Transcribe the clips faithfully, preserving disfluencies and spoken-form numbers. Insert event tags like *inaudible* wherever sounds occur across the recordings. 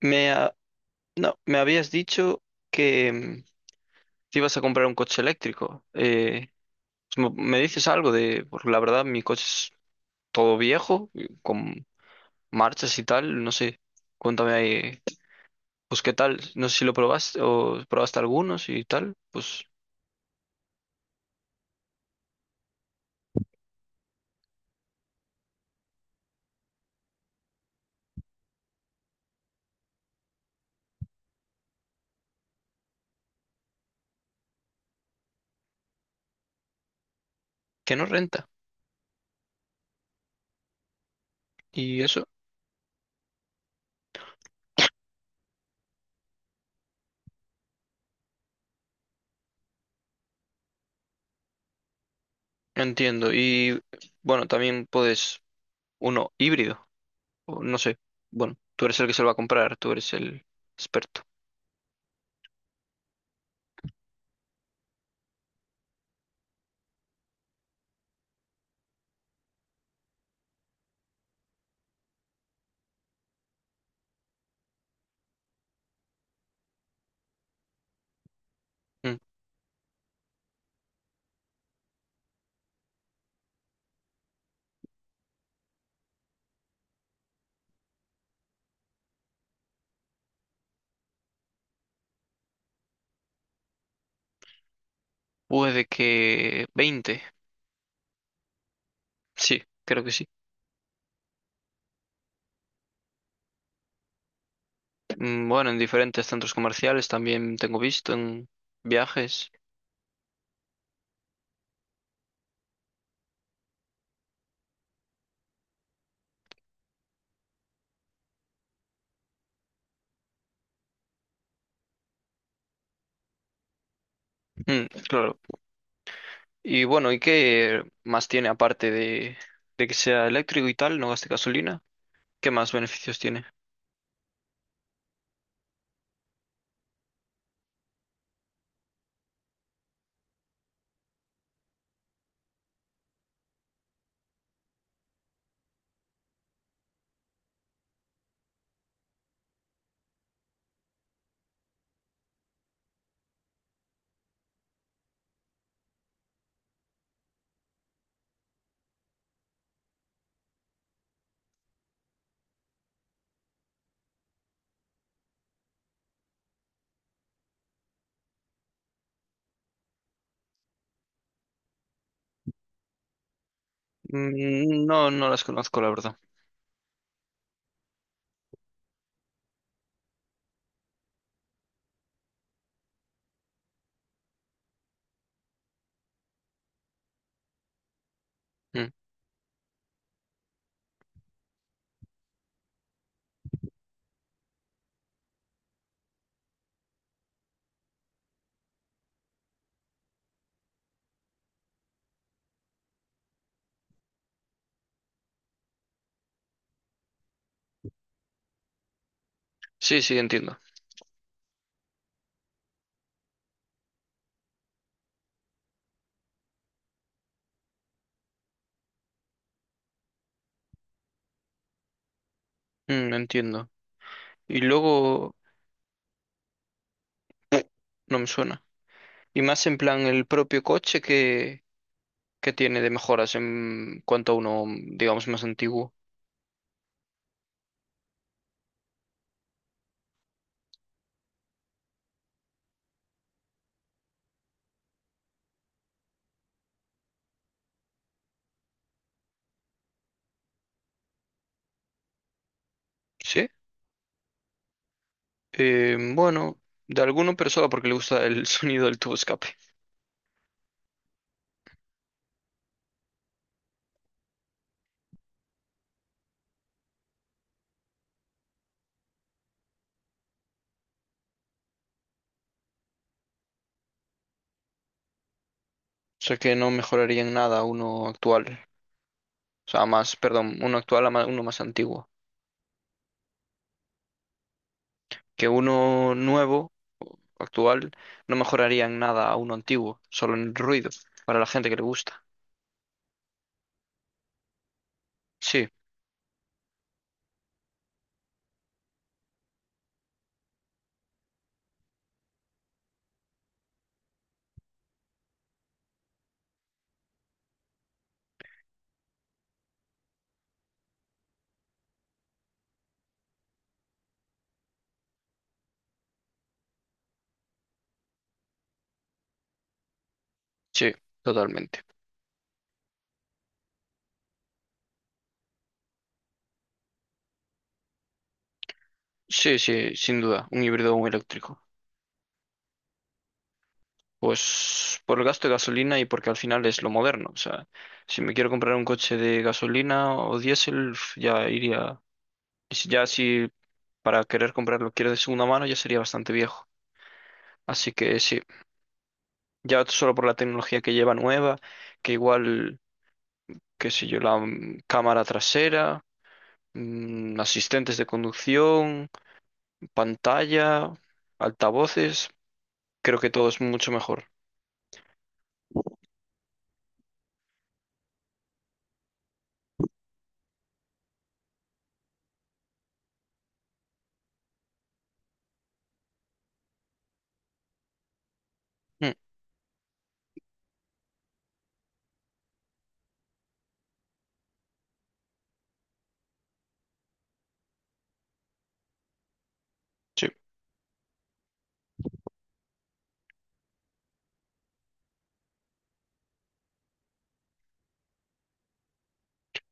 Me, ha- no, me habías dicho que mm, te ibas a comprar un coche eléctrico. Eh, pues ¿me dices algo de, porque la verdad mi coche es todo viejo, y con marchas y tal, no sé? Cuéntame ahí, pues qué tal, no sé si lo probaste o probaste algunos y tal, pues que no renta. Y eso, entiendo. Y bueno, también puedes uno híbrido, o no sé. Bueno, tú eres el que se lo va a comprar, tú eres el experto. Mm, Puede que veinte, sí, creo que sí. Mm, Bueno, en diferentes centros comerciales también tengo visto en viajes. Mm, claro. Y bueno, ¿y qué más tiene aparte de, de que sea eléctrico y tal, no gaste gasolina? ¿Qué más beneficios tiene? Mm. No, no las conozco, la verdad. Mm. Sí, sí, entiendo. Mm, entiendo. Y luego no me suena. Y más en plan el propio coche que, que tiene de mejoras en cuanto a uno, digamos, más antiguo. Sí. Eh, bueno, de alguno, pero solo porque le gusta el *laughs* sonido del tubo escape. O sea que no mejoraría en nada uno actual. O sea, más, perdón, uno actual a ma- uno más antiguo. Que uno nuevo, actual, no mejoraría en nada a uno antiguo, solo en el ruido, para la gente que le gusta. Sí, sí, totalmente. Sí, sí, sin duda, un híbrido o un eléctrico. Pues por el gasto de gasolina y porque al final es lo moderno. O sea, si me quiero comprar un coche de gasolina o diésel, uf, ya iría. y si- Ya si para querer comprarlo quiero de segunda mano, ya sería bastante viejo. Así que sí, ya solo por la tecnología que lleva nueva, que igual, qué sé yo, la mm, cámara trasera, mm, asistentes de conducción, pantalla, altavoces, creo que todo es mucho mejor. Mm, sí.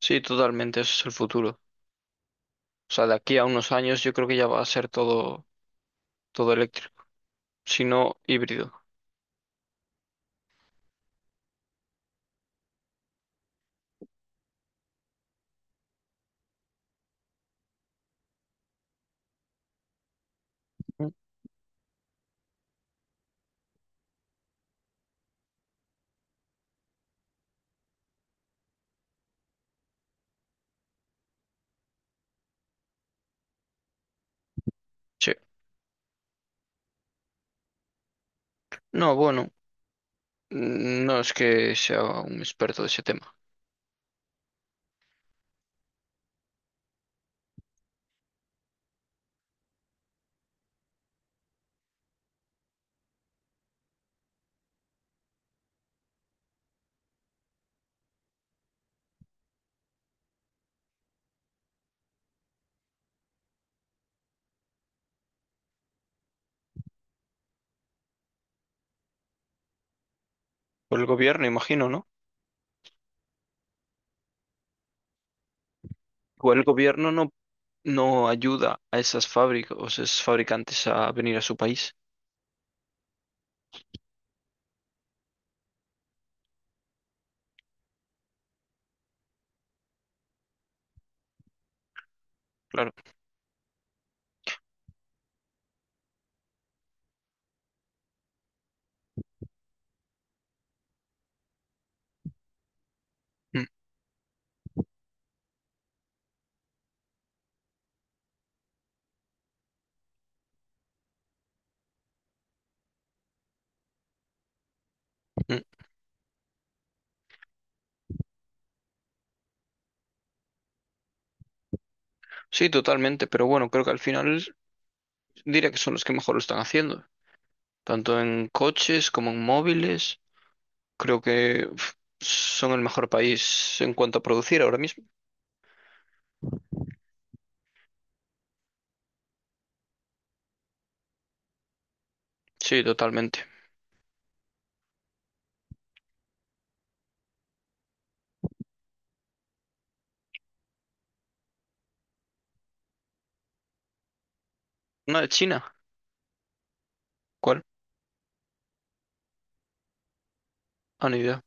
Sí, totalmente, eso es el futuro. O sea, de aquí a unos años yo creo que ya va a ser todo, todo eléctrico, si no híbrido. Ujú. Sí. No, bueno, mm, no es que sea un experto de ese tema. Por el gobierno, imagino, ¿no? Igual el gobierno no, no ayuda a esas fábricas, o esos fabricantes a venir a su país. Claro. Mm, mm. Sí, totalmente, pero bueno, creo que al final diría que son los que mejor lo están haciendo, tanto en coches como en móviles. Creo que uf, son el mejor país en cuanto a producir ahora mismo. Sí, totalmente. ¿No de China? ¿Cuál? Ah, ni idea.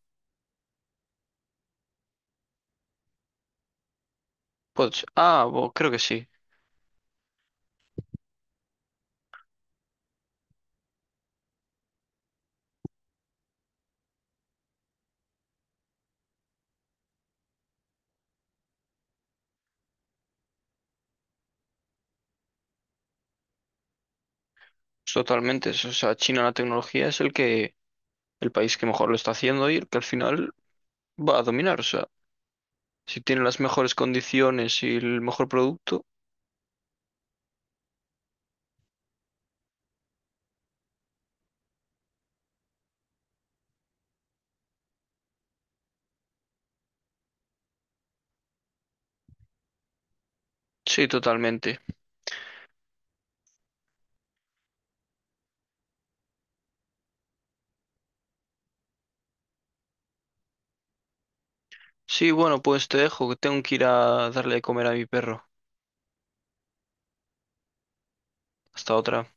Puede ser. Ah, bo- creo que sí. Totalmente. O sea, China en la tecnología es el que, el país que mejor lo está haciendo y el que al final va a dominar. O sea, si tiene las mejores condiciones y el mejor producto, sí, totalmente. Sí, bueno, pues te dejo, que tengo que ir a darle de comer a mi perro. Hasta otra.